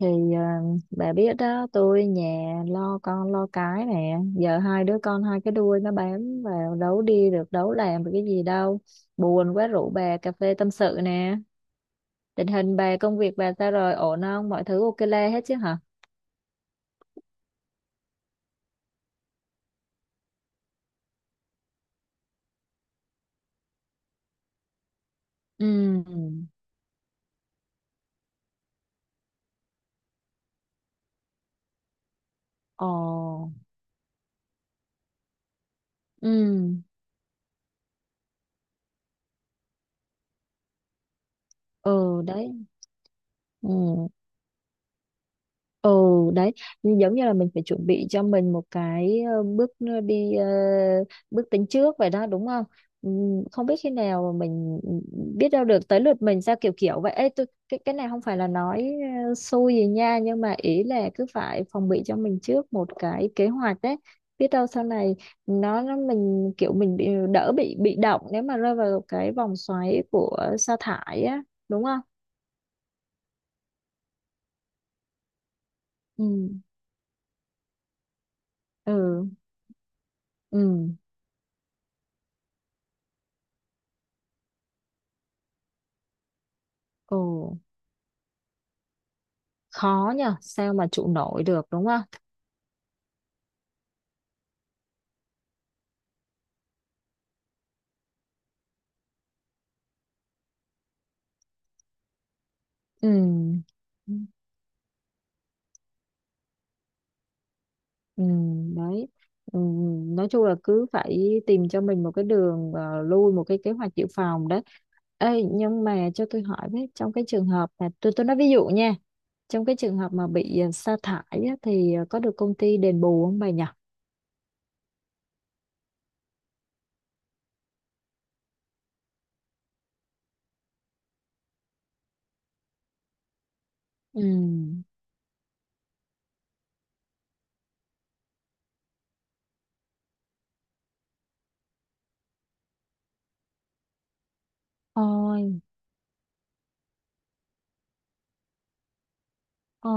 thì ờ, bà biết đó, tôi nhà lo con lo cái nè, giờ hai đứa con hai cái đuôi nó bám vào, đấu đi được đấu làm được cái gì đâu. Buồn quá rủ bà cà phê tâm sự nè. Tình hình bà, công việc bà sao rồi, ổn không, mọi thứ ok le hết chứ hả? Ừ. Ồ. Ừ. Ừ, đấy. Ừ. Ừ, đấy, giống như là mình phải chuẩn bị cho mình một cái bước đi, bước tính trước vậy đó, đúng không? Không biết khi nào mà mình, biết đâu được tới lượt mình sao, kiểu kiểu vậy. Ê, tôi, cái này không phải là nói xui gì nha, nhưng mà ý là cứ phải phòng bị cho mình trước một cái kế hoạch đấy, biết đâu sau này nó mình kiểu mình bị, đỡ bị động nếu mà rơi vào cái vòng xoáy của sa thải á, đúng không? Ừ. Ừ. Ừ. Ừ. Khó nhờ, sao mà trụ nổi được, đúng không? Ừ. Ừ, đấy. Ừ. Nói chung là cứ phải tìm cho mình một cái đường lui, một cái kế hoạch dự phòng đấy. Ê, nhưng mà cho tôi hỏi với, trong cái trường hợp mà tôi nói ví dụ nha, trong cái trường hợp mà bị sa thải á, thì có được công ty đền bù không bà nhỉ? Ừ. Ôi. Ồ.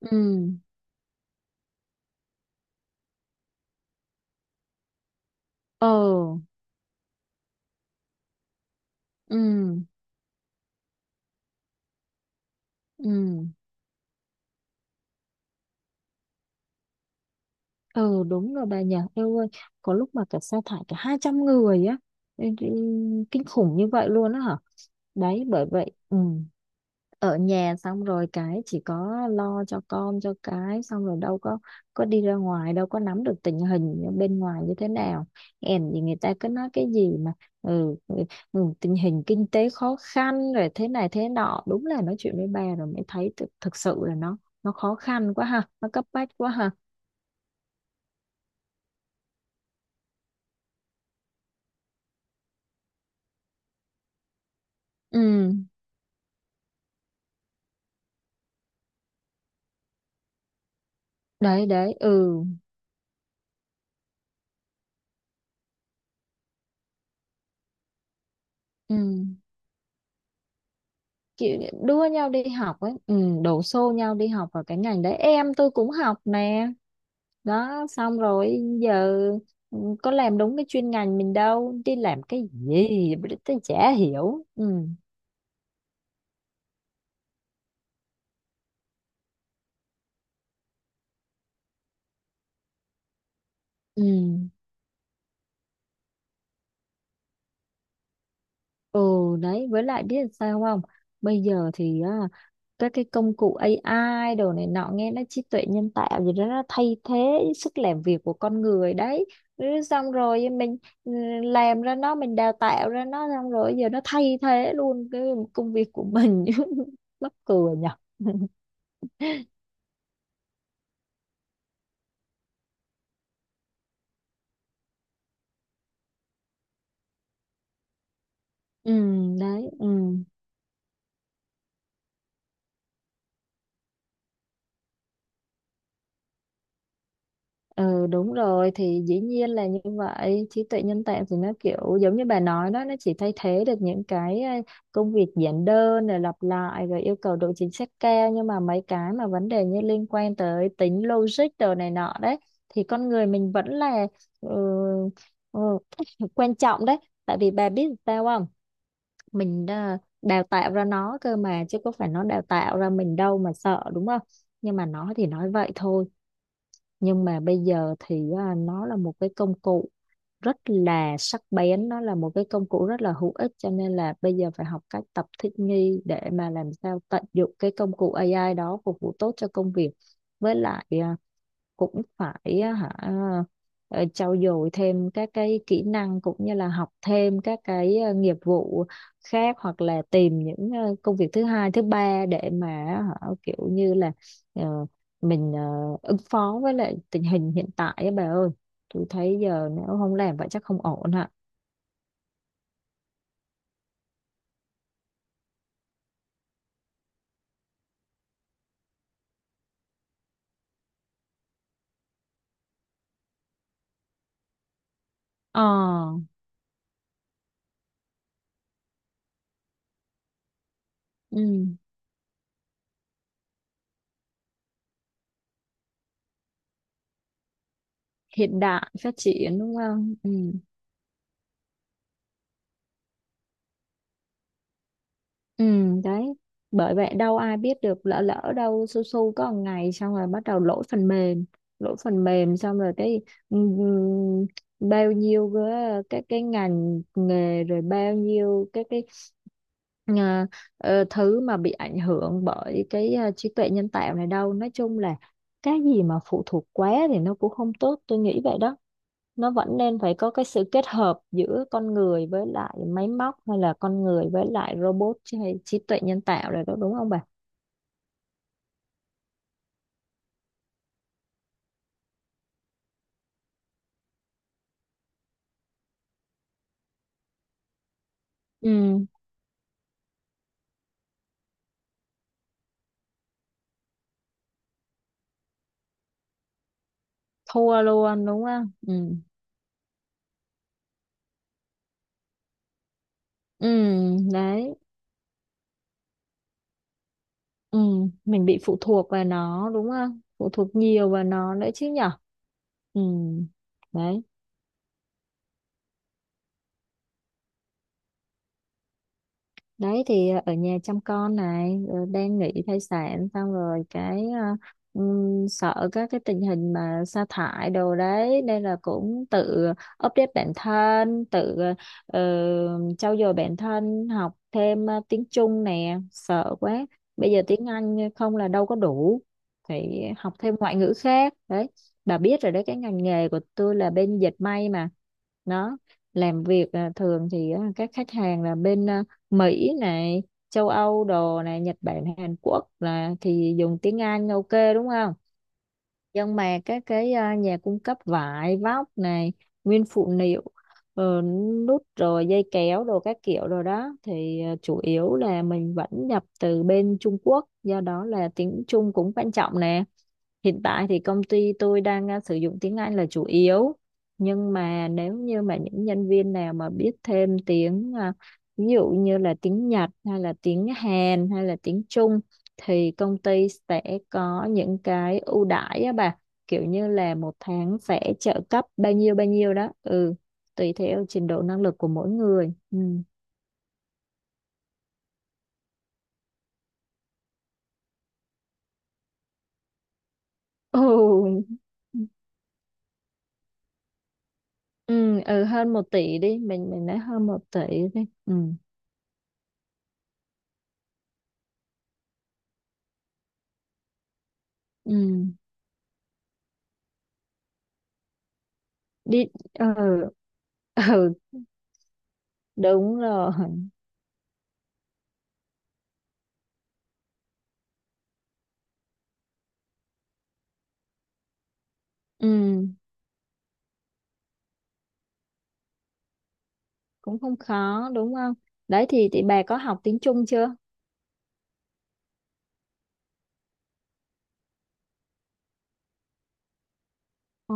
Ừ. Ờ. Ừ. Ừ. Ừ, đúng rồi bà nhỉ, em ơi, có lúc mà cả sa thải cả 200 người á. Ê, ê, kinh khủng như vậy luôn á hả? Đấy, bởi vậy. Ừ, ở nhà xong rồi cái chỉ có lo cho con cho cái, xong rồi đâu có đi ra ngoài, đâu có nắm được tình hình ở bên ngoài như thế nào. Em thì người ta cứ nói cái gì mà, ừ, ừ, ừ, tình hình kinh tế khó khăn rồi thế này thế nọ, đúng là nói chuyện với bà rồi mới thấy thực sự là nó khó khăn quá ha, nó cấp bách quá ha. Ừ. Đấy, đấy. Ừ. Ừ, kiểu đua nhau đi học ấy, ừ, đổ xô nhau đi học vào cái ngành đấy, em tôi cũng học nè, đó, xong rồi giờ, ừ, có làm đúng cái chuyên ngành mình đâu, đi làm cái gì tôi chả hiểu. Ừ. Ừ. Ừ, đấy, với lại biết sao không, bây giờ thì á, các cái công cụ AI đồ này nọ, nghe nó trí tuệ nhân tạo gì đó, nó thay thế sức làm việc của con người đấy. Ừ, xong rồi mình, ừ, làm ra nó, mình đào tạo ra nó, xong rồi giờ nó thay thế luôn cái công việc của mình. Mắc cười nhở. Ừ, đấy. Ừ. Ừ, đúng rồi, thì dĩ nhiên là như vậy, trí tuệ nhân tạo thì nó kiểu giống như bà nói đó, nó chỉ thay thế được những cái công việc giản đơn, rồi lặp lại, rồi yêu cầu độ chính xác cao, nhưng mà mấy cái mà vấn đề như liên quan tới tính logic đồ này nọ đấy, thì con người mình vẫn là, ừ, ừ, quan trọng đấy. Tại vì bà biết sao không, mình đào tạo ra nó cơ mà, chứ có phải nó đào tạo ra mình đâu mà sợ, đúng không? Nhưng mà nó thì nói vậy thôi, nhưng mà bây giờ thì nó là một cái công cụ rất là sắc bén, nó là một cái công cụ rất là hữu ích, cho nên là bây giờ phải học cách tập thích nghi để mà làm sao tận dụng cái công cụ AI đó phục vụ tốt cho công việc, với lại cũng phải á hả, ờ, trau dồi thêm các cái kỹ năng, cũng như là học thêm các cái nghiệp vụ khác, hoặc là tìm những công việc thứ hai thứ ba để mà, hả, kiểu như là ờ, mình ứng phó với lại tình hình hiện tại á bà ơi. Tôi thấy giờ nếu không làm vậy chắc không ổn hả? Ờ. Ừ. Hiện đại phát triển, đúng không? Ừ. Ừ, đấy. Bởi vậy đâu ai biết được, lỡ lỡ đâu su su có một ngày xong rồi bắt đầu lỗi phần mềm, xong rồi cái, ừm, bao nhiêu cái ngành nghề, rồi bao nhiêu cái ờ, thứ mà bị ảnh hưởng bởi cái trí tuệ nhân tạo này đâu. Nói chung là cái gì mà phụ thuộc quá thì nó cũng không tốt, tôi nghĩ vậy đó. Nó vẫn nên phải có cái sự kết hợp giữa con người với lại máy móc, hay là con người với lại robot chứ, hay trí tuệ nhân tạo rồi đó, đúng không bà? Ừ, thua luôn đúng không? Ừ. Ừ, đấy. Ừ, mình bị phụ thuộc vào nó đúng không? Phụ thuộc nhiều vào nó nữa chứ nhở? Ừ. Đấy. Đấy thì ở nhà chăm con này, rồi đang nghỉ thai sản, xong rồi cái sợ các cái tình hình mà sa thải đồ đấy, nên là cũng tự update bản thân, tự ờ, trau dồi bản thân, học thêm tiếng Trung nè, sợ quá. Bây giờ tiếng Anh không là đâu có đủ, phải học thêm ngoại ngữ khác đấy. Bà biết rồi đấy, cái ngành nghề của tôi là bên dệt may mà, nó làm việc thường thì á, các khách hàng là bên Mỹ này, châu Âu đồ này, Nhật Bản, Hàn Quốc là thì dùng tiếng Anh ok, đúng không? Nhưng mà các cái nhà cung cấp vải, vóc này, nguyên phụ liệu, ờ, nút rồi dây kéo đồ các kiểu rồi đó, thì chủ yếu là mình vẫn nhập từ bên Trung Quốc, do đó là tiếng Trung cũng quan trọng nè. Hiện tại thì công ty tôi đang sử dụng tiếng Anh là chủ yếu, nhưng mà nếu như mà những nhân viên nào mà biết thêm tiếng ví dụ như là tiếng Nhật, hay là tiếng Hàn, hay là tiếng Trung, thì công ty sẽ có những cái ưu đãi á bà, kiểu như là một tháng sẽ trợ cấp bao nhiêu đó, ừ, tùy theo trình độ năng lực của mỗi người. Ừ. Ồ. Ừ. Ừ, hơn 1 tỷ đi, mình nói hơn 1 tỷ đi. Ừ. Ừ. Đi. Ừ. Ừ, đúng rồi. Ừ, cũng không khó đúng không? Đấy thì bà có học tiếng Trung chưa? Ờ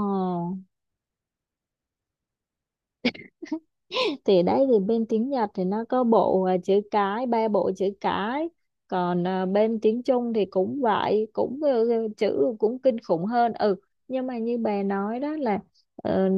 thì đấy, thì bên tiếng Nhật thì nó có bộ chữ cái, ba bộ chữ cái, còn bên tiếng Trung thì cũng vậy, cũng, ừ, chữ cũng kinh khủng hơn. Ừ, nhưng mà như bà nói đó là ờ,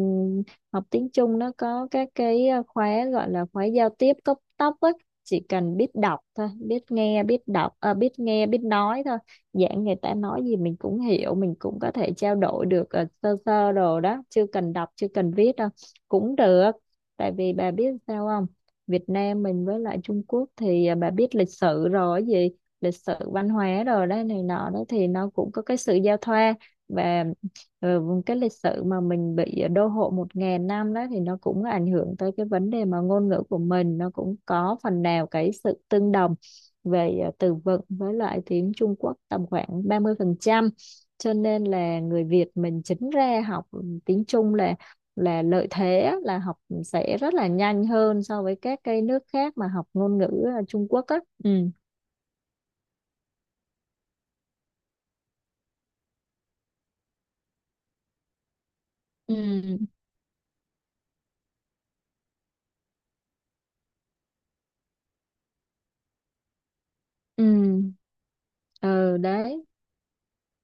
học tiếng Trung nó có các cái khóa gọi là khóa giao tiếp cấp tốc ấy, chỉ cần biết đọc thôi, biết nghe biết đọc biết nghe biết nói thôi, dạng người ta nói gì mình cũng hiểu, mình cũng có thể trao đổi được sơ sơ đồ đó, chưa cần đọc chưa cần viết đâu cũng được. Tại vì bà biết sao không, Việt Nam mình với lại Trung Quốc thì bà biết lịch sử rồi, cái gì lịch sử văn hóa rồi đấy này nọ đó, thì nó cũng có cái sự giao thoa, và, ừ, cái lịch sử mà mình bị đô hộ 1000 năm đó, thì nó cũng ảnh hưởng tới cái vấn đề mà ngôn ngữ của mình, nó cũng có phần nào cái sự tương đồng về từ vựng với lại tiếng Trung Quốc tầm khoảng 30%, cho nên là người Việt mình chính ra học tiếng Trung là lợi thế á, là học sẽ rất là nhanh hơn so với các cái nước khác mà học ngôn ngữ Trung Quốc á. Ừ. Ừ. Ừ. Ừ, đấy.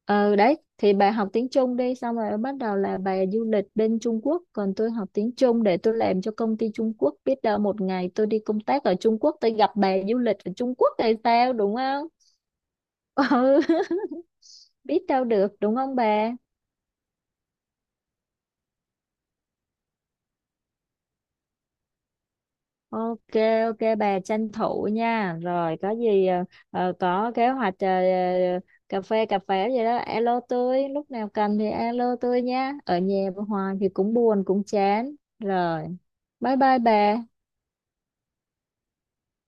Ừ, đấy thì bà học tiếng Trung đi, xong rồi bắt đầu là bà du lịch bên Trung Quốc, còn tôi học tiếng Trung để tôi làm cho công ty Trung Quốc, biết đâu một ngày tôi đi công tác ở Trung Quốc, tôi gặp bà du lịch ở Trung Quốc thì sao, đúng không? Ừ, biết đâu được đúng không bà. Ok, ok bà tranh thủ nha. Rồi có gì có kế hoạch cà phê gì đó alo tôi, lúc nào cần thì alo tôi nha. Ở nhà hoài thì cũng buồn cũng chán. Rồi, bye bye bà.